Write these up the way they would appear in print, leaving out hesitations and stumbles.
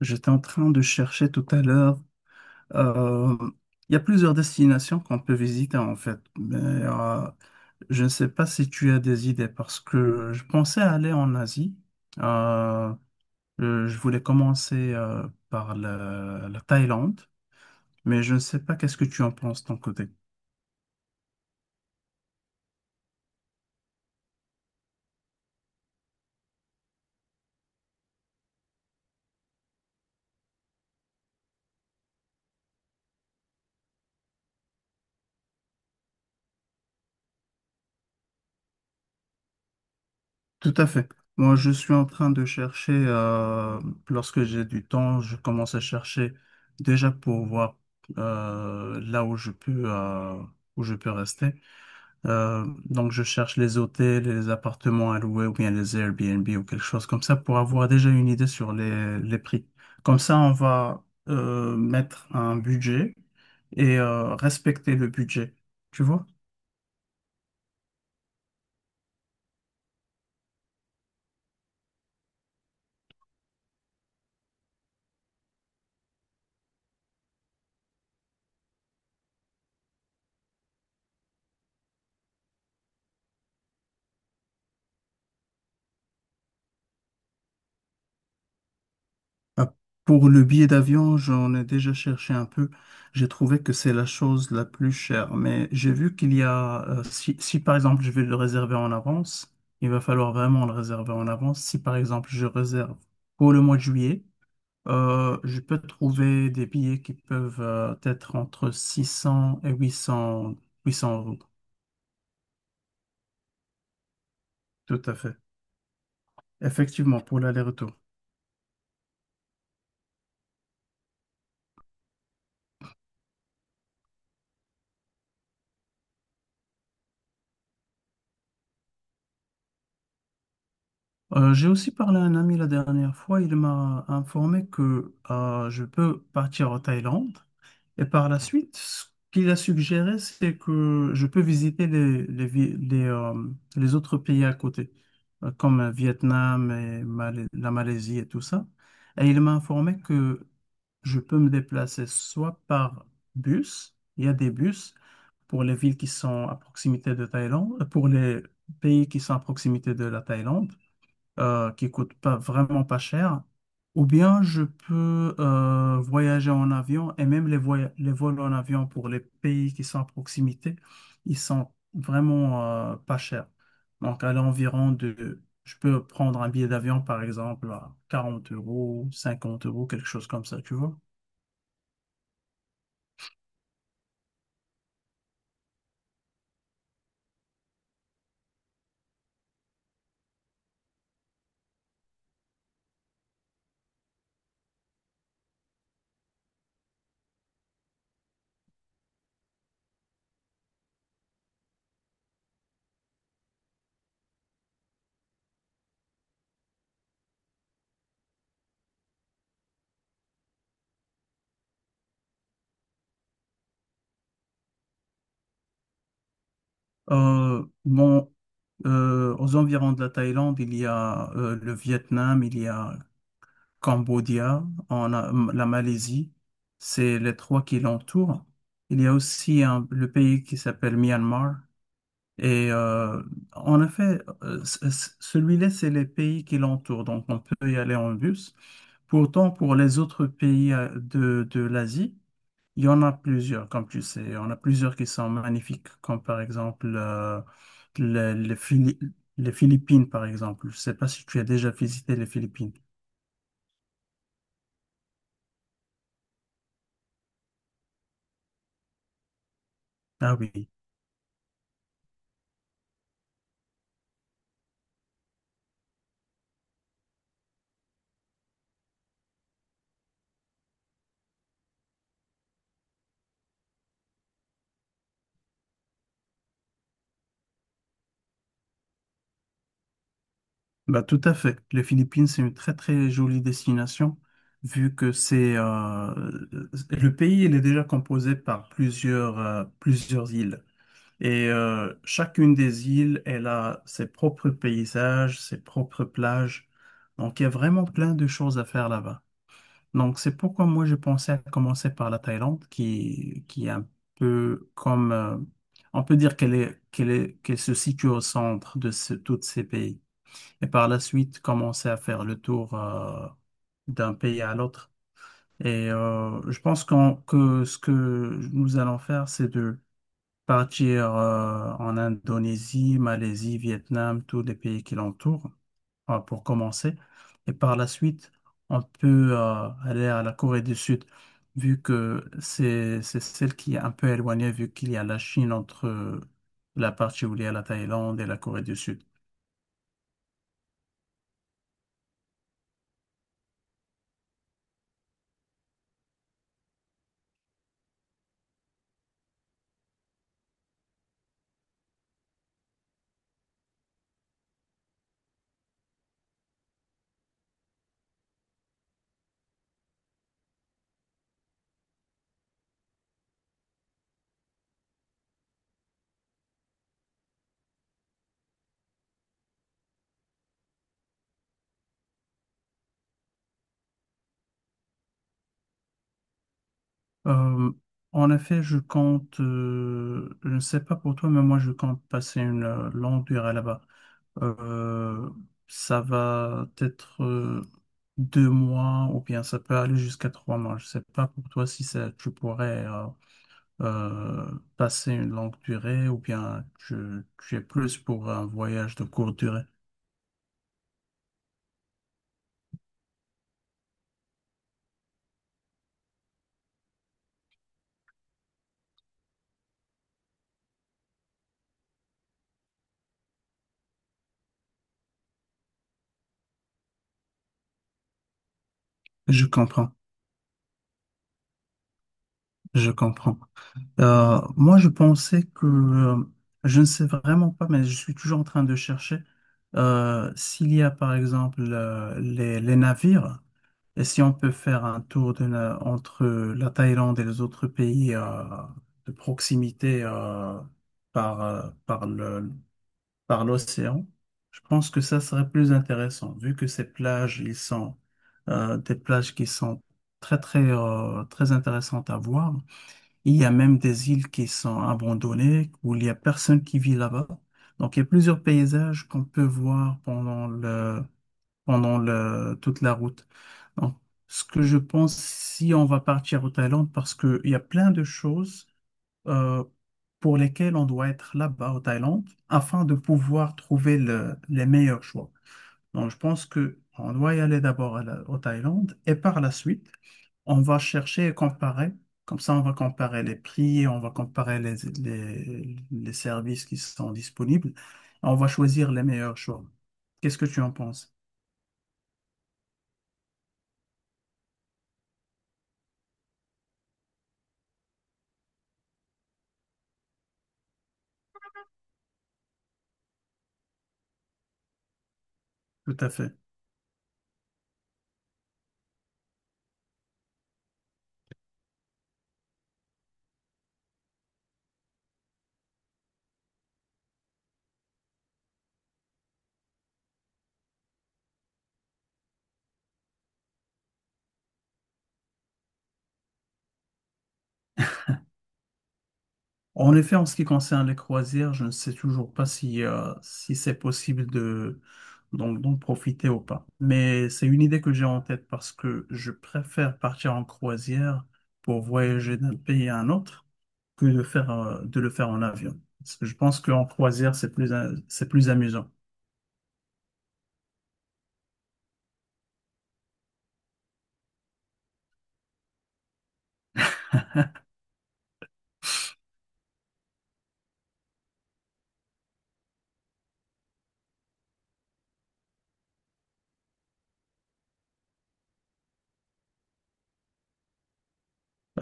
J'étais en train de chercher tout à l'heure. Euh, il y a plusieurs destinations qu'on peut visiter en fait, mais je ne sais pas si tu as des idées parce que je pensais aller en Asie. Euh, je voulais commencer par la Thaïlande, mais je ne sais pas qu'est-ce que tu en penses de ton côté. Tout à fait. Moi, je suis en train de chercher, lorsque j'ai du temps, je commence à chercher déjà pour voir, là où où je peux rester. Donc, je cherche les hôtels, et les appartements à louer ou bien les Airbnb ou quelque chose comme ça pour avoir déjà une idée sur les prix. Comme ça, on va, mettre un budget et respecter le budget. Tu vois? Ah, pour le billet d'avion, j'en ai déjà cherché un peu. J'ai trouvé que c'est la chose la plus chère. Mais j'ai vu qu'il y a, si par exemple je vais le réserver en avance, il va falloir vraiment le réserver en avance. Si par exemple je réserve pour le mois de juillet, je peux trouver des billets qui peuvent, être entre 600 et huit cents euros. Tout à fait. Effectivement, pour l'aller-retour. J'ai aussi parlé à un ami la dernière fois. Il m'a informé que je peux partir en Thaïlande. Et par la suite, ce qu'il a suggéré, c'est que je peux visiter les autres pays à côté, comme Vietnam et la Malaisie et tout ça. Et il m'a informé que je peux me déplacer soit par bus, il y a des bus pour les villes qui sont à proximité de Thaïlande, pour les pays qui sont à proximité de la Thaïlande, qui coûte pas vraiment pas cher, ou bien je peux, voyager en avion et même les vols en avion pour les pays qui sont à proximité, ils sont vraiment, pas chers. Donc à l'environ de, je peux prendre un billet d'avion par exemple à 40 euros, 50 euros, quelque chose comme ça, tu vois. Bon, aux environs de la Thaïlande, il y a le Vietnam, il y a Cambodia, en a la Malaisie, c'est les trois qui l'entourent. Il y a aussi le pays qui s'appelle Myanmar. Et en effet, celui-là, c'est les pays qui l'entourent, donc on peut y aller en bus. Pourtant, pour les autres pays, de l'Asie, il y en a plusieurs, comme tu sais. Il y en a plusieurs qui sont magnifiques, comme par exemple, les, les Phili- les Philippines, par exemple. Je ne sais pas si tu as déjà visité les Philippines. Ah oui. Bah, tout à fait. Les Philippines, c'est une très très jolie destination, vu que c'est, le pays, il est déjà composé par plusieurs îles. Et chacune des îles, elle a ses propres paysages, ses propres plages. Donc, il y a vraiment plein de choses à faire là-bas. Donc, c'est pourquoi moi, j'ai pensé à commencer par la Thaïlande, qui est un peu comme, on peut dire qu'elle se situe au centre de tous ces pays et par la suite commencer à faire le tour, d'un pays à l'autre. Et je pense que ce que nous allons faire, c'est de partir en Indonésie, Malaisie, Vietnam, tous les pays qui l'entourent, pour commencer. Et par la suite, on peut, aller à la Corée du Sud, vu que c'est celle qui est un peu éloignée, vu qu'il y a la Chine entre, la partie où il y a la Thaïlande et la Corée du Sud. Euh, en effet, je compte, je ne sais pas pour toi, mais moi je compte passer une, longue durée là-bas. Euh, ça va être 2 mois ou bien ça peut aller jusqu'à 3 mois. Je ne sais pas pour toi si ça, tu pourrais, euh, passer une longue durée ou bien tu es plus pour un voyage de courte durée. Je comprends, je comprends. Moi, je pensais que, je ne sais vraiment pas, mais je suis toujours en train de chercher, s'il y a par exemple, les navires et si on peut faire un tour entre la Thaïlande et les autres pays, de proximité, par, euh, par le, par l'océan. Je pense que ça serait plus intéressant vu que ces plages, ils sont, des plages qui sont très très, très intéressantes à voir. Il y a même des îles qui sont abandonnées, où il n'y a personne qui vit là-bas. Donc, il y a plusieurs paysages qu'on peut voir pendant le, toute la route. Donc, ce que je pense, si on va partir au Thaïlande, parce qu'il y a plein de choses, euh, pour lesquelles on doit être là-bas au Thaïlande afin de pouvoir trouver les meilleurs choix. Donc, je pense que on doit y aller d'abord à au Thaïlande et par la suite, on va chercher et comparer. Comme ça, on va comparer les prix, on va comparer les services qui sont disponibles. On va choisir les meilleurs choix. Qu'est-ce que tu en penses? Tout à fait. En effet, en ce qui concerne les croisières, je ne sais toujours pas si c'est possible de, d'en d'en profiter ou pas. Mais c'est une idée que j'ai en tête parce que je préfère partir en croisière pour voyager d'un pays à un autre que de de le faire en avion. Parce que je pense qu'en croisière, c'est c'est plus amusant.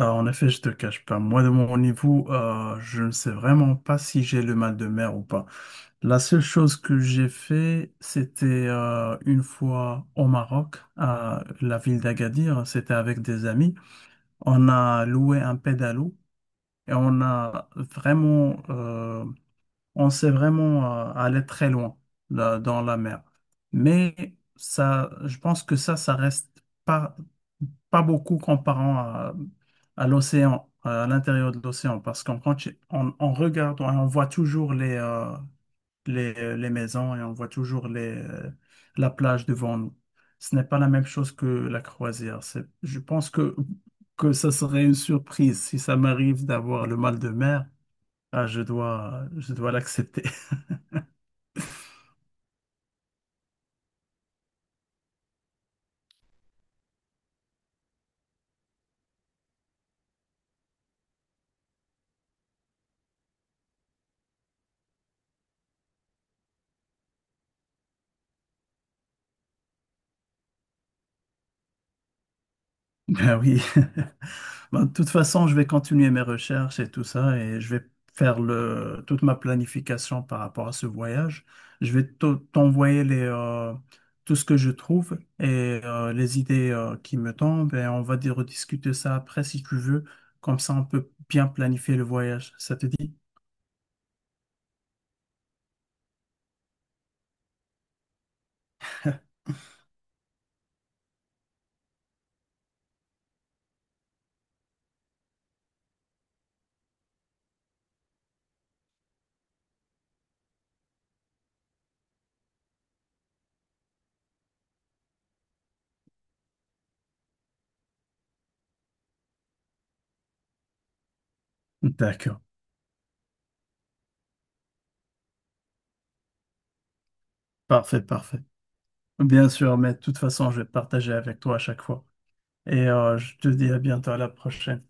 En effet, je te cache pas. Moi, de mon niveau, je ne sais vraiment pas si j'ai le mal de mer ou pas. La seule chose que j'ai fait, c'était, une fois au Maroc, à la ville d'Agadir. C'était avec des amis. On a loué un pédalo et on a vraiment, on sait vraiment, aller très loin là, dans la mer. Mais ça, je pense que ça reste pas, beaucoup comparant à l'océan, à l'intérieur de l'océan, parce on regarde, on voit toujours les maisons et on voit toujours la plage devant nous. Ce n'est pas la même chose que la croisière. C'est, je pense que ça serait une surprise si ça m'arrive d'avoir le mal de mer. Ah, je dois l'accepter. Ben oui. Bon, de toute façon, je vais continuer mes recherches et tout ça et je vais toute ma planification par rapport à ce voyage. Je vais t'envoyer tout ce que je trouve et les idées, qui me tombent et on va dire rediscuter ça après si tu veux. Comme ça, on peut bien planifier le voyage. Ça te dit? D'accord. Parfait, parfait. Bien sûr, mais de toute façon, je vais partager avec toi à chaque fois. Et je te dis à bientôt, à la prochaine.